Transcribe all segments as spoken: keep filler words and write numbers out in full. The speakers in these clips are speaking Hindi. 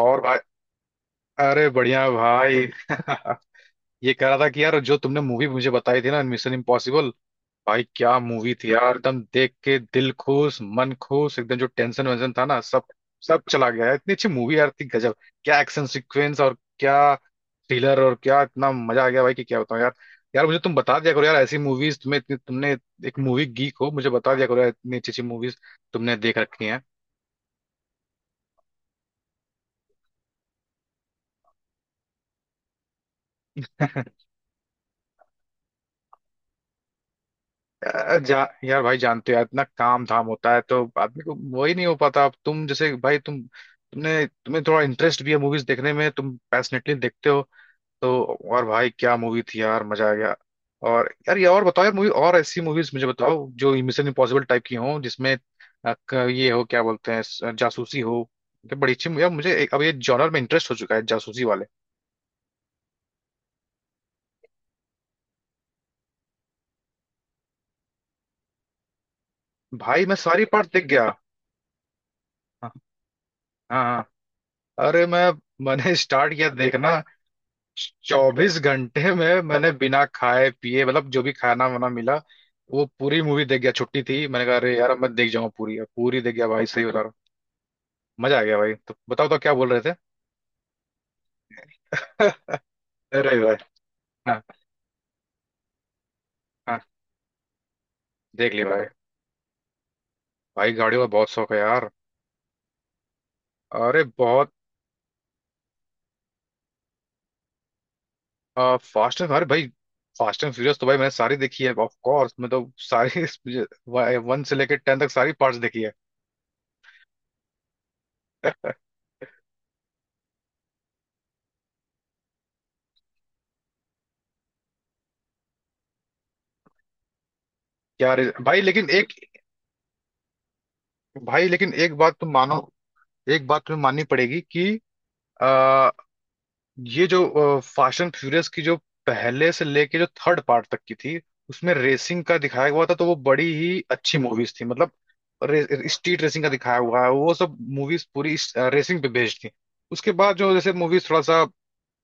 और भाई, अरे बढ़िया भाई। ये कह रहा था कि यार, जो तुमने मूवी मुझे बताई थी ना मिशन इम्पॉसिबल, भाई क्या मूवी थी यार। एकदम देख के दिल खुश मन खुश, एकदम जो टेंशन वेंशन था ना सब सब चला गया यार। इतनी अच्छी मूवी यार थी, गजब। क्या एक्शन सीक्वेंस और क्या थ्रिलर और क्या, इतना मजा आ गया भाई कि क्या बताऊं यार। यार मुझे तुम बता दिया करो यार, ऐसी मूवीज तुम्हें इतनी- तुमने, एक मूवी गीक हो, मुझे बता दिया करो यार इतनी अच्छी अच्छी मूवीज तुमने देख रखी हैं। यार जा, यार भाई जानते हो यार इतना काम धाम होता है तो आदमी को वही नहीं हो पाता। अब तुम जैसे भाई तुम तुमने तुम्हें थोड़ा इंटरेस्ट भी है मूवीज देखने में, तुम पैशनेटली देखते हो तो। और भाई क्या मूवी थी यार, मजा आ गया। और यार, ये और बताओ यार मूवी, और ऐसी मूवीज मुझे बताओ जो मिशन इम्पॉसिबल टाइप की हो जिसमें अ, क- ये हो, क्या बोलते हैं, स- जासूसी हो। ये बड़ी अच्छी यार, मुझे एक- अब ये जॉनर में इंटरेस्ट हो चुका है, जासूसी वाले। भाई मैं सारी पार्ट देख गया। हाँ हाँ हाँ। अरे मैं मैंने स्टार्ट किया देखना। चौबीस घंटे में मैंने बिना खाए पिए, मतलब जो भी खाना वाना मिला वो पूरी मूवी देख गया। छुट्टी थी, मैंने कहा अरे यार अब मैं देख जाऊँ पूरी, अब पूरी देख गया भाई, सही बता रहा हूँ। मजा आ गया भाई। तो बताओ तो क्या बोल रहे थे। अरे भाई, हाँ हाँ। देख लिया भाई। भाई गाड़ियों का बहुत शौक है यार। अरे बहुत। फास्ट एंड अरे भाई, फास्ट एंड फ्यूरियस तो भाई मैंने सारी देखी है, ऑफ कोर्स मैं तो सारी। वन से लेकर टेन तक सारी पार्ट्स देखी है। क्या रे- भाई लेकिन एक, भाई लेकिन एक बात तुम मानो, एक बात तुम्हें माननी पड़ेगी कि आ, ये जो फास्ट एंड फ्यूरियस की जो पहले से लेके जो थर्ड पार्ट तक की थी उसमें रेसिंग का दिखाया हुआ था, तो वो बड़ी ही अच्छी मूवीज थी मतलब। रे, स्ट्रीट रेसिंग का दिखाया हुआ है, वो सब मूवीज पूरी रेसिंग पे बेस्ड थी। उसके बाद जो जैसे मूवीज थोड़ा सा,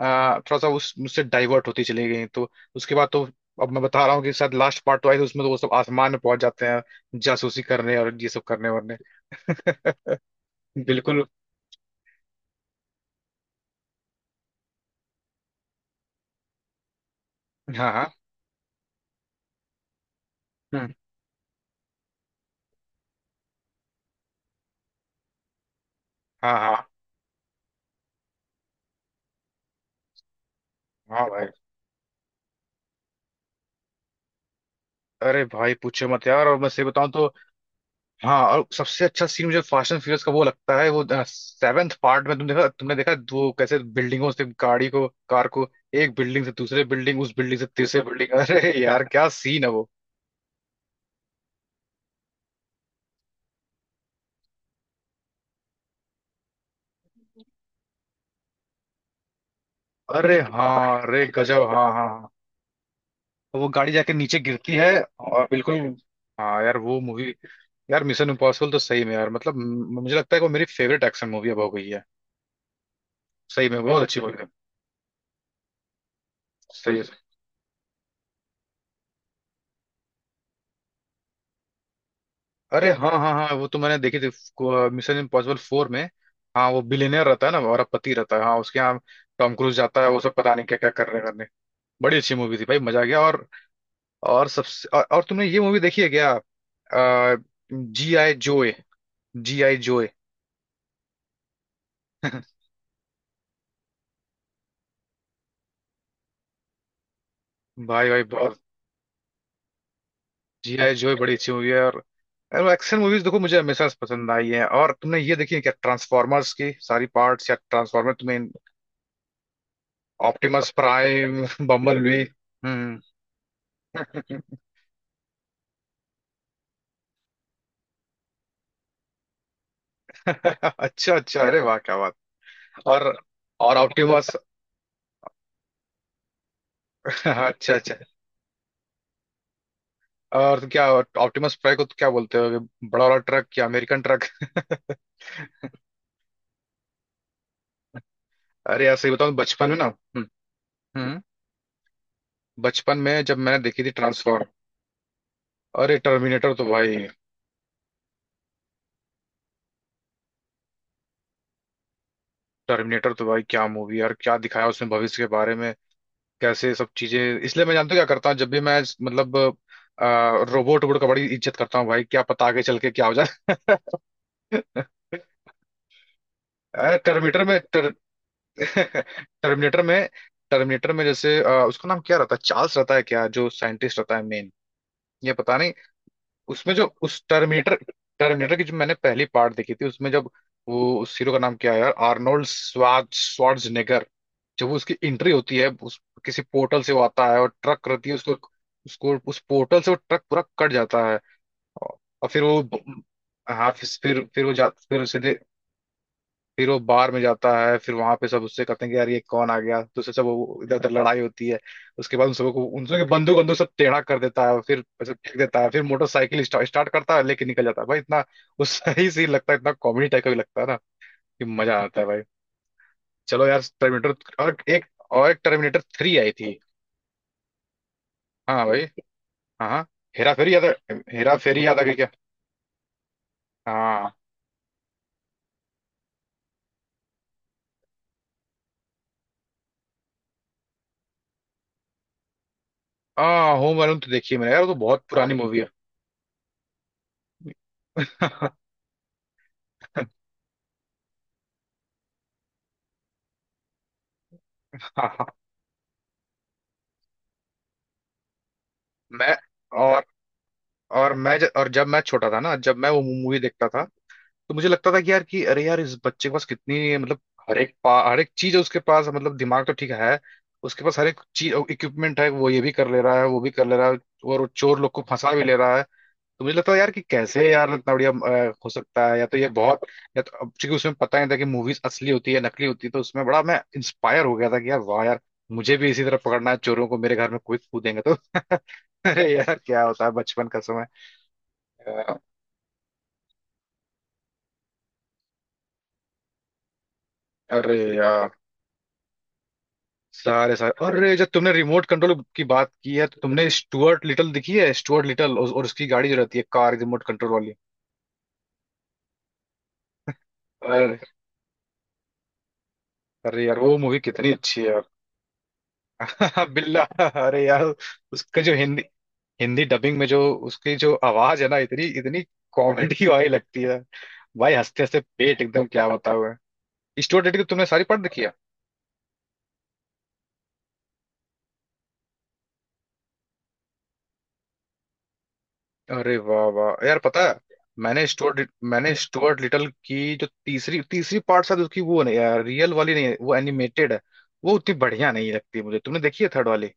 आ, थोड़ा सा उस उससे डाइवर्ट होती चली गई, तो उसके बाद तो अब मैं बता रहा हूँ कि शायद लास्ट पार्ट तो आई तो उसमें तो वो सब आसमान में पहुंच जाते हैं जासूसी करने और ये सब करने वरने। बिल्कुल। हाँ हाँ। हम्म। हाँ हाँ हाँ भाई, अरे भाई पूछो मत यार। और मैं सही बताऊं तो, हाँ, और सबसे अच्छा सीन मुझे फास्ट एंड फ्यूरियस का वो लगता है, वो सेवेंथ पार्ट में, तुम देखा, तुमने देखा वो कैसे बिल्डिंगों से गाड़ी को, कार को, एक बिल्डिंग से दूसरे बिल्डिंग, उस बिल्डिंग से तीसरे बिल्डिंग, अरे यार क्या सीन है वो। अरे हाँ, अरे गजब, हाँ हाँ हाँ। तो वो गाड़ी जाके नीचे गिरती है और, बिल्कुल। हाँ यार वो मूवी, यार मिशन इम्पॉसिबल तो सही में यार मतलब, म- मुझे लगता है कि वो मेरी फेवरेट एक्शन मूवी अब हो गई है। सही में बहुत अच्छी मूवी है। सही। अरे हाँ हाँ हाँ, वो तो मैंने देखी थी मिशन इम्पॉसिबल फोर में। हाँ, वो बिलियनर रहता है ना और पति रहता है हाँ, उसके यहाँ टॉम क्रूज जाता है वो सब, पता नहीं क्या क्या कर रहे करने। बड़ी अच्छी मूवी थी भाई, मजा आ गया। और और सबसे और, और तुमने ये मूवी देखी है क्या, जी आई जोए। जी आई जोए। भाई भाई बहुत। जी आई जोए बड़ी अच्छी मूवी है। और एक्शन मूवीज देखो मुझे हमेशा से पसंद आई है। और तुमने ये देखी है क्या ट्रांसफॉर्मर्स की सारी पार्ट्स, या ट्रांसफॉर्मर तुम्हें, ऑप्टिमस प्राइम, बम्बल बी। हम्म। अच्छा अच्छा, अरे वाह क्या बात। और और ऑप्टिमस। अच्छा अच्छा। और क्या ऑप्टिमस प्राइम को तो क्या बोलते हो, बड़ा वाला ट्रक क्या, अमेरिकन ट्रक। अरे यार सही बताऊं बचपन में ना, हम्म। हम्म, बचपन में जब मैंने देखी थी ट्रांसफॉर्म, अरे टर्मिनेटर तो भाई, टर्मिनेटर तो भाई क्या मूवी यार, क्या दिखाया उसमें भविष्य के बारे में, कैसे सब चीजें, इसलिए मैं जानते हो क्या करता हूँ जब भी मैं, मतलब, रोबोट वोबोट का बड़ी इज्जत करता हूँ भाई, क्या पता आगे चल के क्या हो जाए। अरे टर्मिनेटर में। टर्मिनेटर में टर्मिनेटर में जैसे अ, उसका नाम क्या रहता है, चार्ल्स रहता है क्या, जो साइंटिस्ट रहता है मेन, ये पता नहीं। उसमें जो उस टर्मिनेटर टर्मिनेटर की जो मैंने पहली पार्ट देखी थी, उसमें जब वो उस हीरो का नाम क्या है यार, आर्नोल्ड स्वार्ज स्वार्जनेगर, जब वो उसकी एंट्री होती है उस किसी पोर्टल से वो आता है और ट्रक करती है उसको, उसको उस पोर्टल से वो ट्रक पूरा कट जाता है। और और फिर वो, हाँ, फिर फिर फिर वो जा, फिर सीधे, फिर वो बार में जाता है, फिर वहां पे सब उससे कहते हैं कि यार ये कौन आ गया, तो उससे सब वो इधर उधर लड़ाई होती है। उसके बाद उन सबको उन सबके बंदूक बंदूक सब टेढ़ा कर देता है, फिर ऐसे फेंक देता है, फिर मोटरसाइकिल स्टार्ट स्टार्ट करता है लेके निकल जाता है भाई इतना वो। सही सीन लगता है, इतना कॉमेडी टाइप का भी लगता है ना, कि मजा आता है। भाई चलो यार टर्मिनेटर, और एक, और एक टर्मिनेटर थ्री आई थी। हाँ भाई। हाँ हाँ। हेरा फेरी याद आ- हेरा फेरी याद आ गई क्या। हाँ हाँ। होम अलोन तो देखी है मैंने यार, वो तो बहुत पुरानी मूवी है। हाँ, हाँ, मैं, और और मैं ज, और जब मैं छोटा था ना, जब मैं वो मूवी देखता था तो मुझे लगता था कि यार, कि अरे यार इस बच्चे के पास कितनी, मतलब हर एक पा हर एक चीज है उसके पास, मतलब दिमाग तो ठीक है, उसके पास हर एक चीज इक्विपमेंट है, वो ये भी कर ले रहा है, वो भी कर ले रहा है, और वो चोर लोग को फंसा भी ले रहा है। तो मुझे लगता है यार कि कैसे यार इतना बढ़िया अ, हो सकता है, या तो ये बहुत, या तो, अब चूंकि उसमें पता नहीं था कि मूवीज असली होती है नकली होती है तो उसमें बड़ा मैं इंस्पायर हो गया था कि यार वाह यार, मुझे भी इसी तरह पकड़ना है चोरों को, मेरे घर में कोई कूदेंगे तो। अरे यार क्या होता है बचपन का। यार, अरे यार सारे सारे अरे जब तुमने रिमोट कंट्रोल की बात की है तो तुमने स्टुअर्ट लिटल देखी है, स्टुअर्ट लिटल, और, और उसकी गाड़ी जो रहती है कार, रिमोट कंट्रोल वाली। अरे, अरे यार वो मूवी कितनी अच्छी है यार। बिल्ला। अरे यार उसका जो हिंदी, हिंदी डबिंग में जो उसकी जो आवाज है ना, इतनी इतनी कॉमेडी वाली लगती है भाई, हंसते हंसते पेट एकदम क्या बताओ है। स्टुअर्ट लिटल की तुमने सारी पार्ट देखी है। अरे वाह वाह यार, पता है, मैंने स्टुअर्ट मैंने स्टुअर्ट लिटल की जो तीसरी तीसरी पार्ट, शायद उसकी वो, नहीं यार रियल वाली नहीं है वो, एनिमेटेड है। वो उतनी बढ़िया नहीं लगती मुझे, तुमने देखी है थर्ड वाली।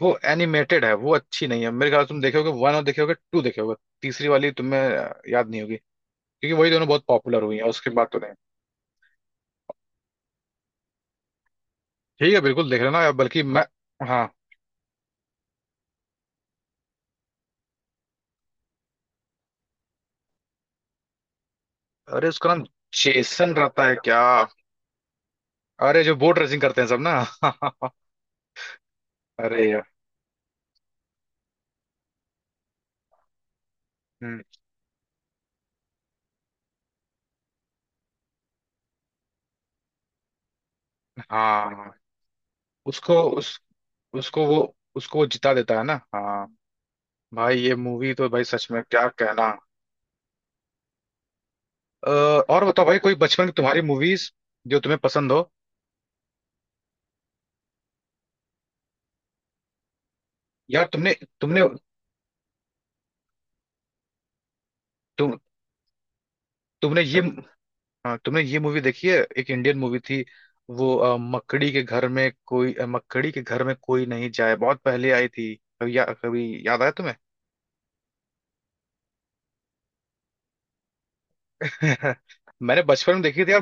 वो एनिमेटेड है, वो अच्छी नहीं है मेरे ख्याल से। तुम देखोगे वन, और देखोगे टू, देखोगे, तीसरी वाली तुम्हें अ, याद नहीं होगी क्योंकि वही दोनों बहुत पॉपुलर हुई है, उसके बाद तो नहीं। ठीक है बिल्कुल देख लेना यार, बल्कि मैं, हाँ अरे उसका नाम जेसन रहता है क्या, अरे जो बोट रेसिंग करते हैं सब ना। अरे यार। हम्म, हाँ हाँ। उसको उस, उसको वो, उसको वो जिता देता है ना, हाँ। भाई ये मूवी तो भाई सच में क्या कहना। अ, और बताओ भाई कोई बचपन की तुम्हारी मूवीज जो तुम्हें पसंद हो। यार, तुमने तुमने तुम तुमने ये हाँ, तुमने ये मूवी देखी है एक इंडियन मूवी थी, वो अ, मकड़ी के घर में कोई, अ, मकड़ी के घर में कोई नहीं जाए, बहुत पहले आई थी कभी, या, कभी याद आया तुम्हें। मैंने बचपन में देखी थी यार,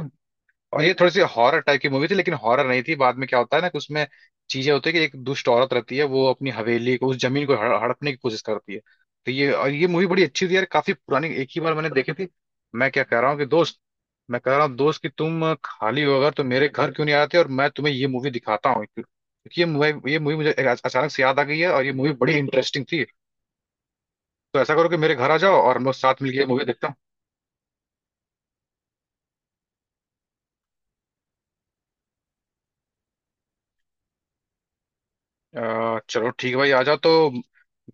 और ये थोड़ी सी हॉरर टाइप की मूवी थी लेकिन हॉरर नहीं थी, बाद में क्या होता है ना कि उसमें चीजें होती है कि एक दुष्ट औरत रहती है वो अपनी हवेली को उस जमीन को हड़- हड़पने की कोशिश करती है। तो ये, और ये मूवी बड़ी अच्छी थी यार, काफी पुरानी, एक ही बार मैंने देखी थी। मैं क्या कह रहा हूँ कि दोस्त मैं कह रहा हूँ दोस्त कि तुम खाली हो अगर तो मेरे घर क्यों नहीं आते और मैं तुम्हें ये मूवी दिखाता हूँ, क्योंकि ये मूवी ये मूवी मुझे अचानक से याद आ गई है और ये मूवी बड़ी इंटरेस्टिंग थी। तो ऐसा करो कि मेरे घर आ जाओ और हम लोग साथ मिलकर ये मूवी देखते हैं। अ, चलो ठीक है भाई, आ जाओ तो।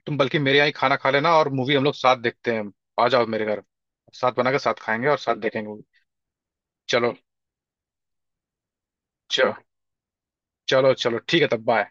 तुम बल्कि मेरे यहाँ ही खाना खा लेना और मूवी हम लोग साथ देखते हैं, आ जाओ मेरे घर, साथ बना के साथ खाएंगे और साथ देखेंगे। चलो चलो चलो चलो, ठीक है तब, बाय।